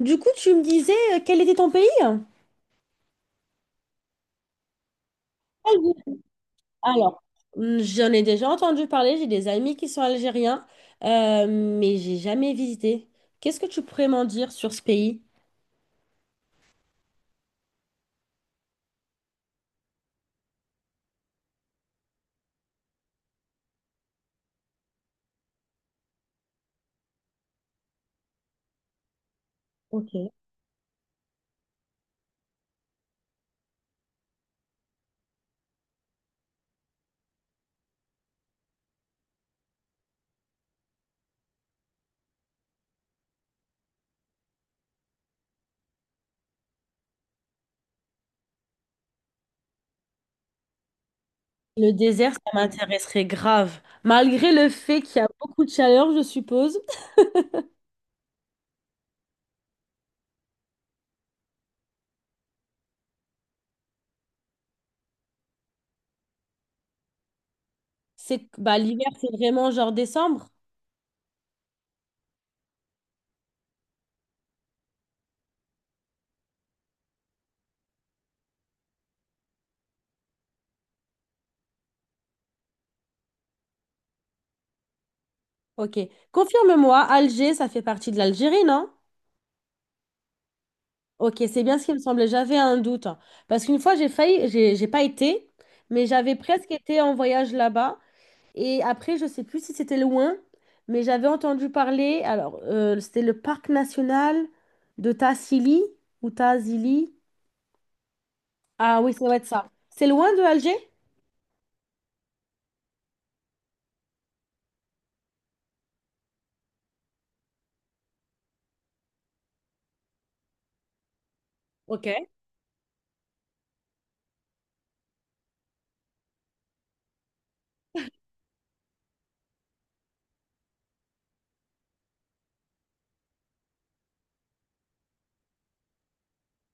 Du coup, tu me disais, quel était ton pays? Algérie. Alors, j'en ai déjà entendu parler, j'ai des amis qui sont algériens, mais j'ai jamais visité. Qu'est-ce que tu pourrais m'en dire sur ce pays? Ok. Le désert, ça m'intéresserait grave. Malgré le fait qu'il y a beaucoup de chaleur, je suppose. C'est, bah, l'hiver, c'est vraiment genre décembre. Ok. Confirme-moi, Alger, ça fait partie de l'Algérie, non? Ok, c'est bien ce qui me semblait. J'avais un doute, hein. Parce qu'une fois, j'ai failli, j'ai pas été, mais j'avais presque été en voyage là-bas. Et après, je sais plus si c'était loin, mais j'avais entendu parler. Alors, c'était le parc national de Tassili ou Tazili. Ah oui, ça doit être ça. C'est loin de Alger? Ok,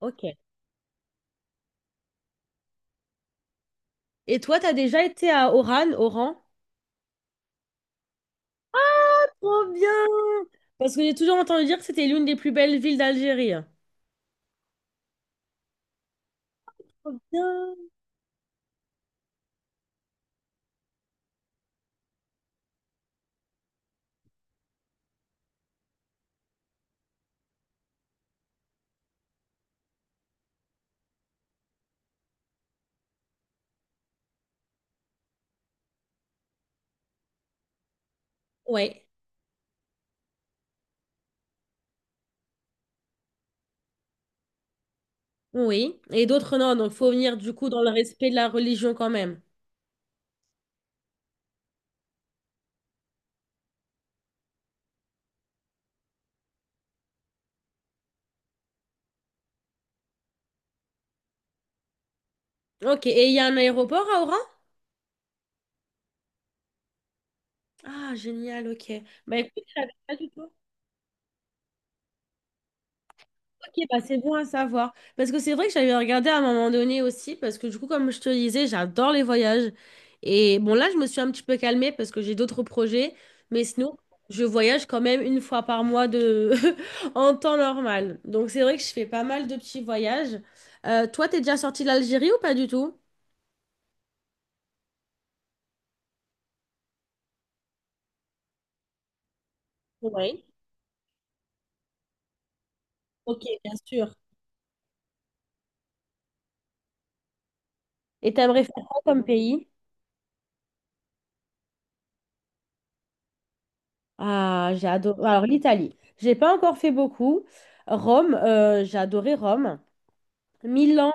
ok. Et toi, t'as déjà été à Oran? Trop bien! Parce que j'ai toujours entendu dire que c'était l'une des plus belles villes d'Algérie. Trop bien! Ouais. Oui, et d'autres non, donc faut venir du coup dans le respect de la religion quand même. Ok, et il y a un aéroport à Oran? Ah, génial, ok. Bah écoute, je savais pas du tout. Ok, bah c'est bon à savoir. Parce que c'est vrai que j'avais regardé à un moment donné aussi, parce que du coup, comme je te le disais, j'adore les voyages. Et bon, là, je me suis un petit peu calmée parce que j'ai d'autres projets, mais sinon, je voyage quand même une fois par mois de... en temps normal. Donc c'est vrai que je fais pas mal de petits voyages. Toi, t'es déjà sorti de l'Algérie ou pas du tout? Oui. Ok, bien sûr. Et t'aimerais faire quoi comme pays? Ah, j'ai adoré. Alors, l'Italie, j'ai pas encore fait beaucoup. Rome, j'ai adoré Rome. Milan,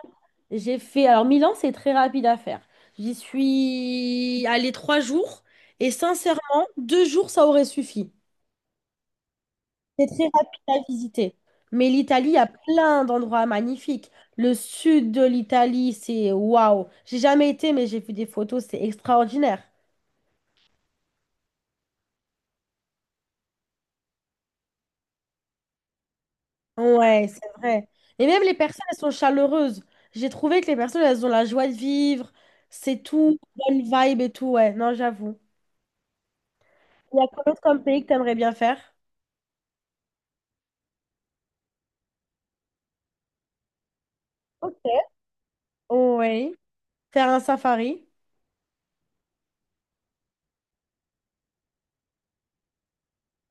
j'ai fait. Alors, Milan, c'est très rapide à faire. J'y suis allée trois jours et sincèrement, deux jours, ça aurait suffi. C'est très rapide à visiter. Mais l'Italie a plein d'endroits magnifiques. Le sud de l'Italie, c'est waouh. J'ai jamais été, mais j'ai vu des photos, c'est extraordinaire. Ouais, c'est vrai. Et même les personnes, elles sont chaleureuses. J'ai trouvé que les personnes, elles ont la joie de vivre. C'est tout, bonne vibe et tout. Ouais, non, j'avoue. Il y a quoi d'autre comme pays que t'aimerais bien faire? Ok. Oui. Faire un safari.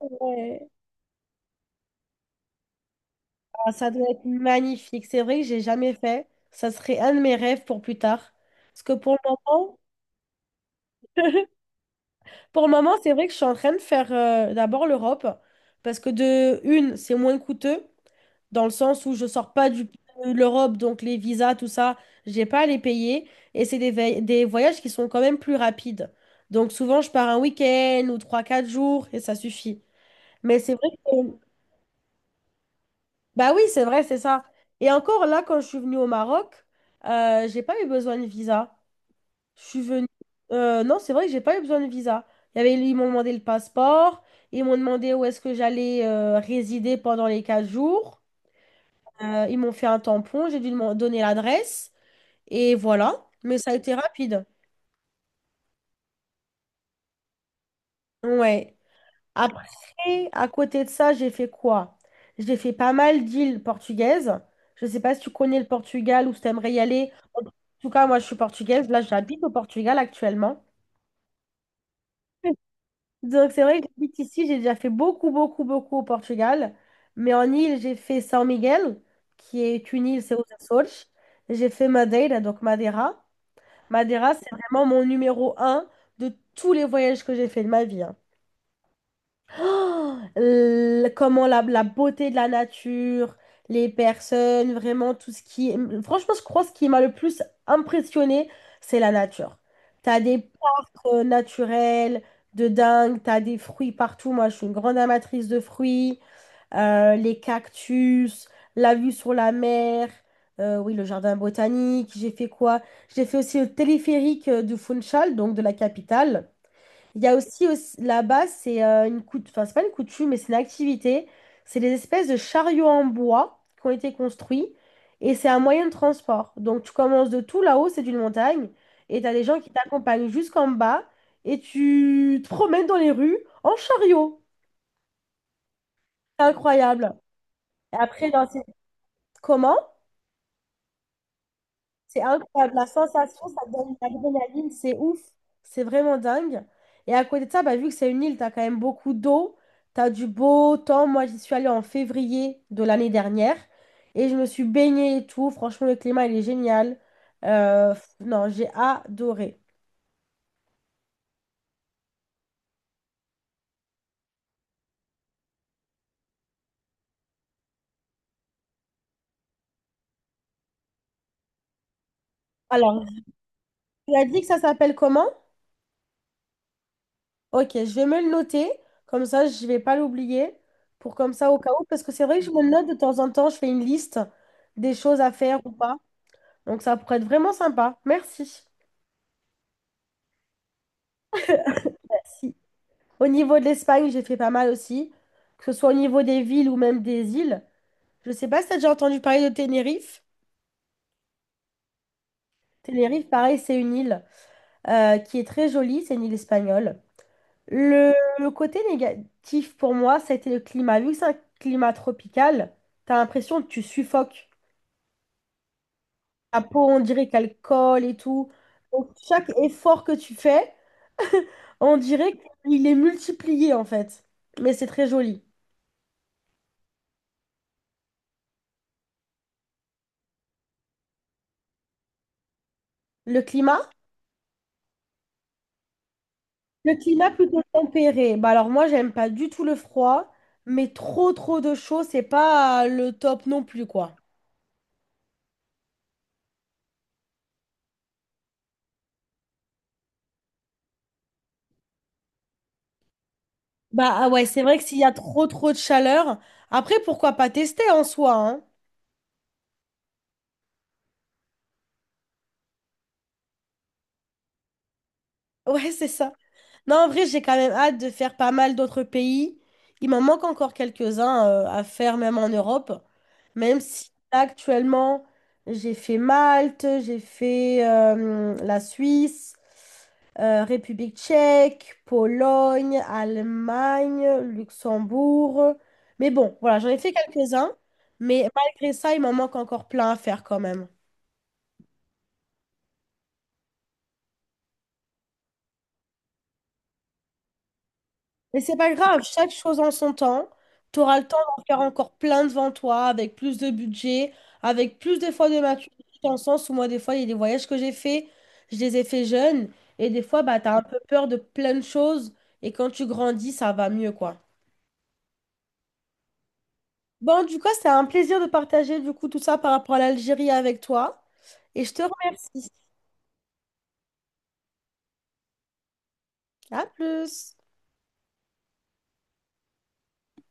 Ouais. Ah, ça doit être magnifique. C'est vrai que j'ai jamais fait. Ça serait un de mes rêves pour plus tard. Parce que pour le moment, pour le moment, c'est vrai que je suis en train de faire d'abord l'Europe. Parce que de une, c'est moins coûteux, dans le sens où je sors pas de l'Europe, donc les visas, tout ça, j'ai pas à les payer. Et c'est des, des voyages qui sont quand même plus rapides. Donc souvent, je pars un week-end ou trois quatre jours et ça suffit. Mais c'est vrai que... Bah oui, c'est vrai, c'est ça. Et encore là, quand je suis venue au Maroc, j'ai pas eu besoin de visa. Je suis venue... non, c'est vrai que j'ai pas eu besoin de visa. Il y avait... Ils m'ont demandé le passeport, ils m'ont demandé où est-ce que j'allais résider pendant les 4 jours. Ils m'ont fait un tampon, j'ai dû me donner l'adresse et voilà. Mais ça a été rapide. Ouais. Après, à côté de ça, j'ai fait quoi? J'ai fait pas mal d'îles portugaises. Je sais pas si tu connais le Portugal ou si t'aimerais y aller. En tout cas, moi, je suis portugaise. Là, j'habite au Portugal actuellement. Donc, c'est vrai que j'habite ici. J'ai déjà fait beaucoup, beaucoup, beaucoup au Portugal. Mais en île, j'ai fait São Miguel, qui est une île, c'est aux Açores. J'ai fait Madeira, donc Madeira. Madeira, c'est vraiment mon numéro un de tous les voyages que j'ai fait de ma vie, hein. Oh, comment la beauté de la nature, les personnes, vraiment tout ce qui... Franchement, je crois que ce qui m'a le plus impressionné, c'est la nature. T'as des parcs naturels de dingue, t'as des fruits partout. Moi, je suis une grande amatrice de fruits, les cactus, la vue sur la mer, oui, le jardin botanique. J'ai fait quoi? J'ai fait aussi le téléphérique de Funchal, donc de la capitale. Il y a aussi, là-bas, c'est une enfin, c'est pas une coutume, mais c'est une activité. C'est des espèces de chariots en bois qui ont été construits et c'est un moyen de transport. Donc tu commences de tout là-haut, c'est une montagne, et tu as des gens qui t'accompagnent jusqu'en bas et tu te promènes dans les rues en chariot. C'est incroyable. Et après, dans ces Comment? C'est incroyable. La sensation, ça te donne une adrénaline, c'est ouf. C'est vraiment dingue. Et à côté de ça, bah, vu que c'est une île, t'as quand même beaucoup d'eau, t'as du beau temps. Moi, j'y suis allée en février de l'année dernière et je me suis baignée et tout. Franchement, le climat, il est génial. Non, j'ai adoré. Alors, tu as dit que ça s'appelle comment? Ok, je vais me le noter. Comme ça, je vais pas l'oublier. Pour comme ça, au cas où. Parce que c'est vrai que je me le note de temps en temps, je fais une liste des choses à faire ou pas. Donc ça pourrait être vraiment sympa. Merci. Merci. Au niveau de l'Espagne, j'ai fait pas mal aussi, que ce soit au niveau des villes ou même des îles. Je sais pas si tu as déjà entendu parler de Tenerife. Tenerife, pareil, c'est une île qui est très jolie, c'est une île espagnole. Le, le côté négatif pour moi, ça a été le climat. Vu que c'est un climat tropical, tu as l'impression que tu suffoques. Ta peau, on dirait qu'elle colle et tout. Donc chaque effort que tu fais, on dirait qu'il est multiplié en fait. Mais c'est très joli. Le climat? Le climat plutôt tempéré. Bah alors moi, j'aime pas du tout le froid, mais trop trop de chaud, c'est pas le top non plus quoi. Bah ah ouais, c'est vrai que s'il y a trop trop de chaleur, après pourquoi pas tester en soi, hein? Ouais, c'est ça. Non, en vrai, j'ai quand même hâte de faire pas mal d'autres pays. Il m'en manque encore quelques-uns à faire, même en Europe. Même si là, actuellement, j'ai fait Malte, j'ai fait la Suisse, République tchèque, Pologne, Allemagne, Luxembourg. Mais bon, voilà, j'en ai fait quelques-uns. Mais malgré ça, il m'en manque encore plein à faire quand même. Mais c'est pas grave, chaque chose en son temps. Tu auras le temps d'en faire encore plein devant toi, avec plus de budget, avec plus des fois de maturité, dans le sens où moi, des fois, il y a des voyages que j'ai faits, je les ai faits jeunes, et des fois, bah, tu as un peu peur de plein de choses, et quand tu grandis, ça va mieux, quoi. Bon, du coup, c'était un plaisir de partager, du coup, tout ça par rapport à l'Algérie avec toi, et je te remercie. À plus!